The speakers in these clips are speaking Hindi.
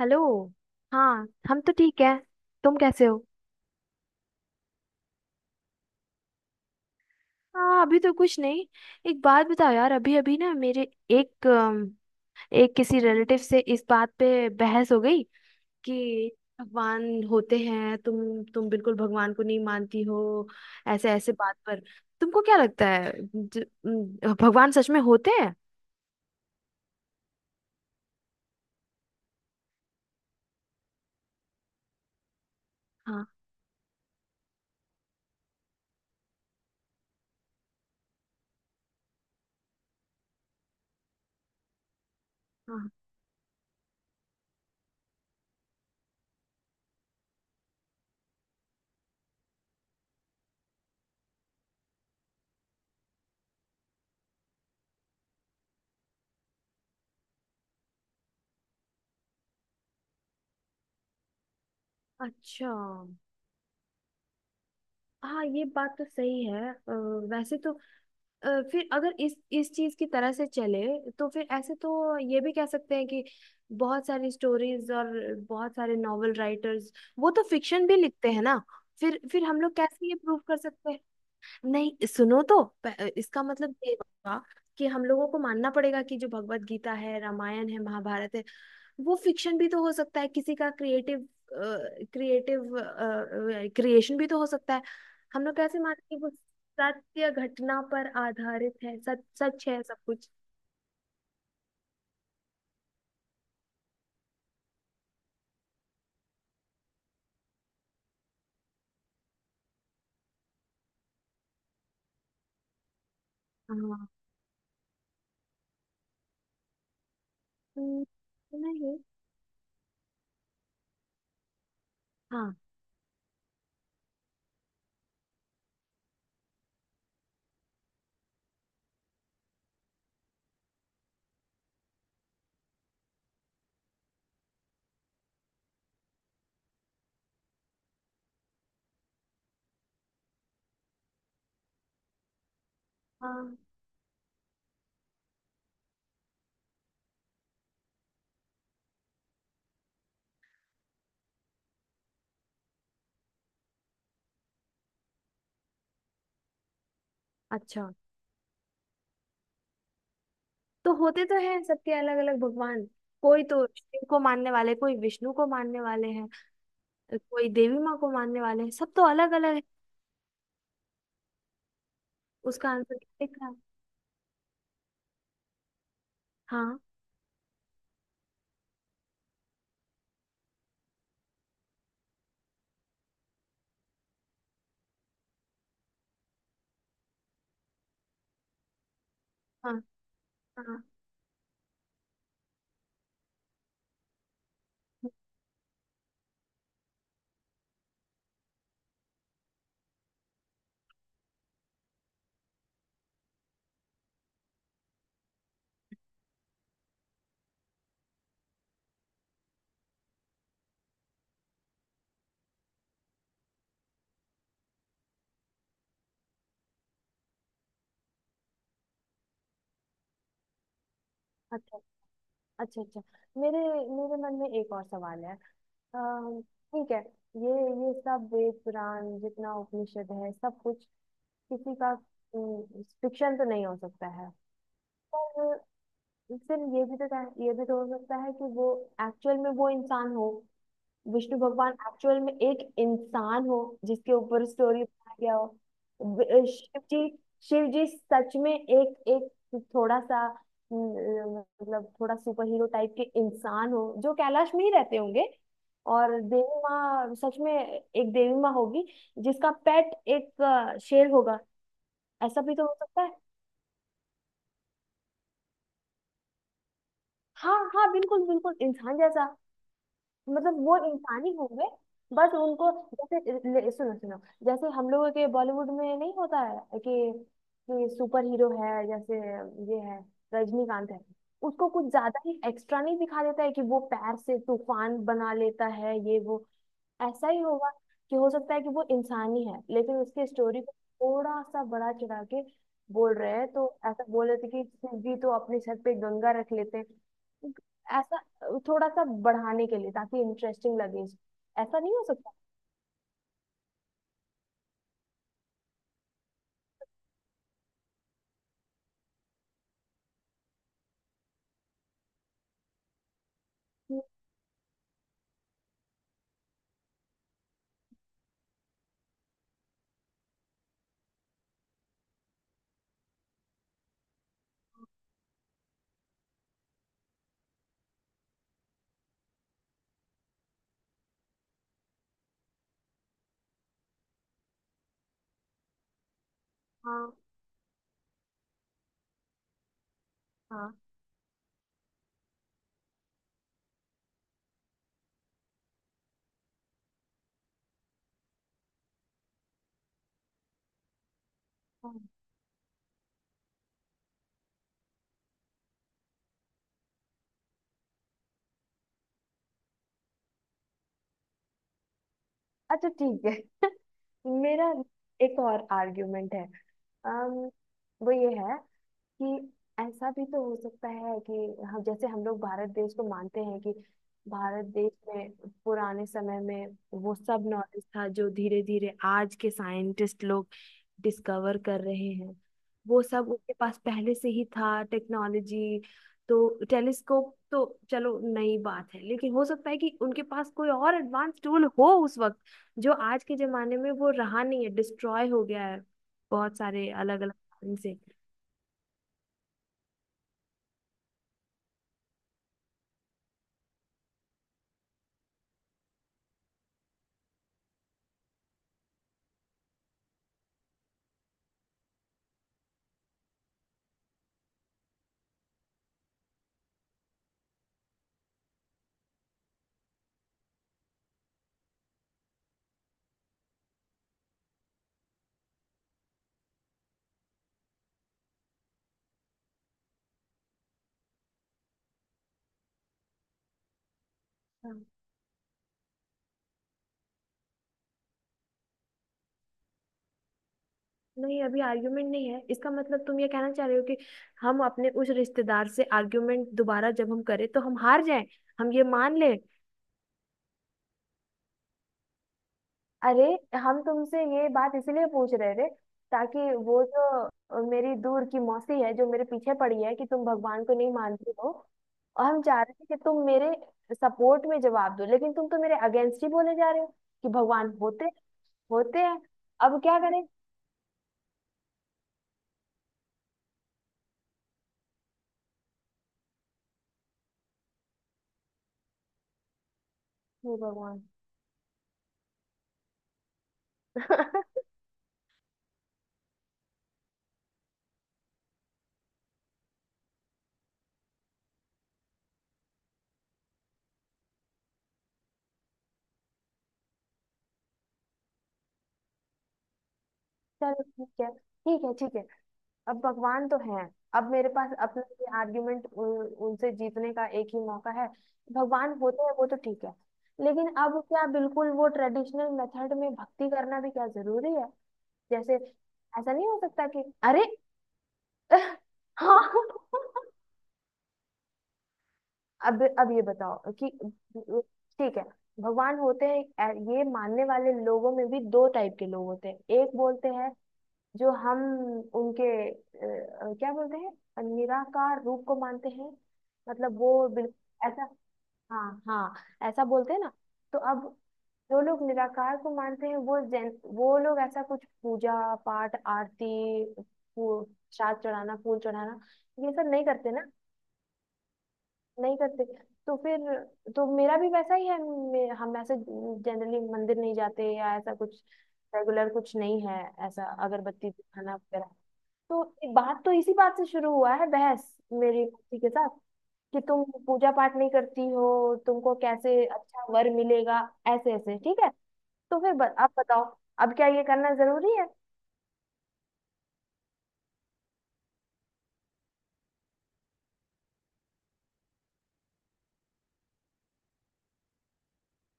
हेलो। हाँ, हम तो ठीक है। तुम कैसे हो? हाँ, अभी तो कुछ नहीं। एक बात बताओ यार, अभी अभी ना मेरे एक एक किसी रिलेटिव से इस बात पे बहस हो गई कि भगवान होते हैं। तुम बिल्कुल भगवान को नहीं मानती हो, ऐसे ऐसे बात पर। तुमको क्या लगता है, भगवान सच में होते हैं? हाँ हाँ। अच्छा। हाँ, ये बात तो सही है वैसे तो। फिर अगर इस चीज की तरह से चले तो फिर ऐसे तो ये भी कह सकते हैं कि बहुत सारी स्टोरीज और बहुत सारे नॉवल राइटर्स, वो तो फिक्शन भी लिखते हैं ना। फिर हम लोग कैसे ये प्रूव कर सकते हैं? नहीं सुनो, तो इसका मतलब ये हुआ कि हम लोगों को मानना पड़ेगा कि जो भगवत गीता है, रामायण है, महाभारत है, वो फिक्शन भी तो हो सकता है, किसी का क्रिएटिव क्रिएटिव क्रिएशन भी तो हो सकता है। हम लोग कैसे माने कि वो सत्य घटना पर आधारित है, सच सच है सब कुछ। हाँ। हम्म, नहीं। हाँ हाँ। अच्छा। तो होते तो हैं सबके अलग अलग भगवान। कोई तो शिव को मानने वाले, कोई विष्णु को मानने वाले हैं, कोई देवी माँ को मानने वाले हैं। सब तो अलग अलग है। उसका आंसर क्या दिखा? हाँ हाँ हाँ। अच्छा अच्छा अच्छा। मेरे मेरे मन में एक और सवाल है। अम, ठीक है, ये सब वेद पुराण जितना उपनिषद है, सब कुछ किसी का फिक्शन तो नहीं हो सकता है। पर फिर ये भी तो, ये भी तो हो सकता है कि वो एक्चुअल में वो इंसान हो, विष्णु भगवान एक्चुअल में एक इंसान हो जिसके ऊपर स्टोरी बनाया गया हो। वि- शिव जी, शिव जी सच में एक एक थोड़ा सा मतलब थोड़ा सुपर हीरो टाइप के इंसान हो जो कैलाश में ही रहते होंगे। और देवी माँ सच में एक देवी माँ होगी जिसका पेट एक शेर होगा। ऐसा भी तो हो सकता है। हाँ हाँ, बिल्कुल बिल्कुल इंसान जैसा। मतलब वो इंसान ही होंगे, बस उनको जैसे, सुनो सुनो, जैसे हम लोगों के बॉलीवुड में नहीं होता है कि, सुपर हीरो है? जैसे ये है, रजनीकांत है, उसको कुछ ज्यादा ही एक्स्ट्रा नहीं दिखा देता है कि वो पैर से तूफान बना लेता है, ये वो। ऐसा ही होगा कि हो सकता है कि वो इंसान ही है लेकिन उसकी स्टोरी को थोड़ा सा बड़ा चढ़ा के बोल रहे हैं। तो ऐसा बोल रहे थे कि शिव जी तो अपने सर पे गंगा रख लेते हैं, ऐसा। थोड़ा सा बढ़ाने के लिए ताकि इंटरेस्टिंग लगे। ऐसा नहीं हो सकता कि? हाँ हाँ हाँ। अच्छा ठीक है। मेरा एक और आर्ग्यूमेंट है। अम, वो ये है कि ऐसा भी तो हो सकता है कि हम जैसे हम लोग भारत देश को मानते हैं कि भारत देश में पुराने समय में वो सब नॉलेज था जो धीरे धीरे आज के साइंटिस्ट लोग डिस्कवर कर रहे हैं, वो सब उनके पास पहले से ही था। टेक्नोलॉजी, तो टेलीस्कोप तो चलो नई बात है लेकिन हो सकता है कि उनके पास कोई और एडवांस टूल हो उस वक्त, जो आज के जमाने में वो रहा नहीं है, डिस्ट्रॉय हो गया है बहुत सारे अलग अलग कारण से। नहीं, अभी आर्ग्यूमेंट नहीं है। इसका मतलब तुम ये कहना चाह रहे हो कि हम अपने उस रिश्तेदार से आर्ग्यूमेंट दोबारा जब हम करें तो हम हार जाएं, हम ये मान लें? अरे, हम तुमसे ये बात इसलिए पूछ रहे थे ताकि वो जो मेरी दूर की मौसी है जो मेरे पीछे पड़ी है कि तुम भगवान को नहीं मानती हो, और हम चाह रहे थे कि तुम मेरे सपोर्ट में जवाब दो लेकिन तुम तो मेरे अगेंस्ट ही बोले जा रहे हो कि भगवान होते होते हैं। अब क्या करें? हे भगवान। चलो ठीक है ठीक है ठीक है। अब भगवान तो है, अब मेरे पास अपना ये आर्ग्यूमेंट उनसे जीतने का एक ही मौका है। भगवान होते हैं वो तो ठीक है, लेकिन अब क्या बिल्कुल वो ट्रेडिशनल मेथड में भक्ति करना भी क्या जरूरी है? जैसे ऐसा नहीं हो सकता कि, अरे। हाँ। अब ये बताओ कि, ठीक है, भगवान होते हैं ये मानने वाले लोगों में भी दो टाइप के लोग होते हैं। एक बोलते हैं जो हम उनके क्या बोलते हैं, निराकार रूप को मानते हैं। मतलब वो ऐसा, हाँ हाँ, ऐसा बोलते हैं ना। तो अब जो लोग निराकार को मानते हैं वो जैन, वो लोग ऐसा कुछ पूजा पाठ आरती, फूल, श्राद्ध चढ़ाना, फूल चढ़ाना, ये सब नहीं करते ना। नहीं करते। तो फिर तो मेरा भी वैसा ही है। हम ऐसे जनरली मंदिर नहीं जाते या ऐसा कुछ रेगुलर कुछ नहीं है, ऐसा अगरबत्ती दिखाना वगैरह। तो बात तो इसी बात से शुरू हुआ है, बहस मेरी मौसी के साथ कि तुम पूजा पाठ नहीं करती हो, तुमको कैसे अच्छा वर मिलेगा, ऐसे ऐसे ठीक है। तो फिर आप बताओ, अब क्या ये करना जरूरी है?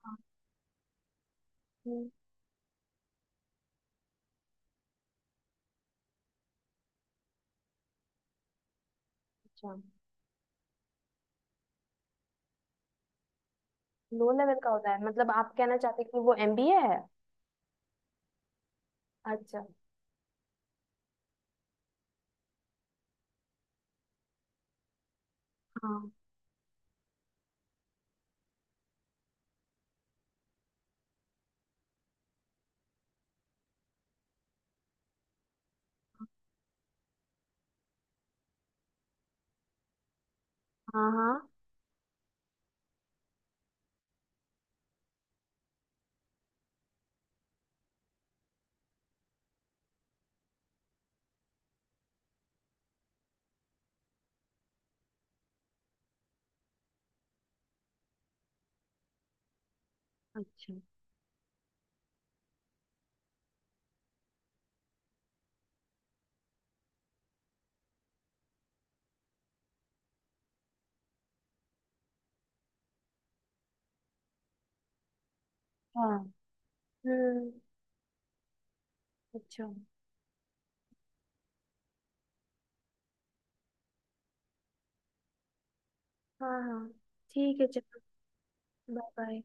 हाँ, हम्म, अच्छा। लो लेवल का होता है मतलब आप कहना चाहते हैं कि वो एमबीए है? अच्छा। हाँ हाँ हाँ। अच्छा। हाँ हम्म। अच्छा। हाँ हाँ ठीक है चलो। Bye bye.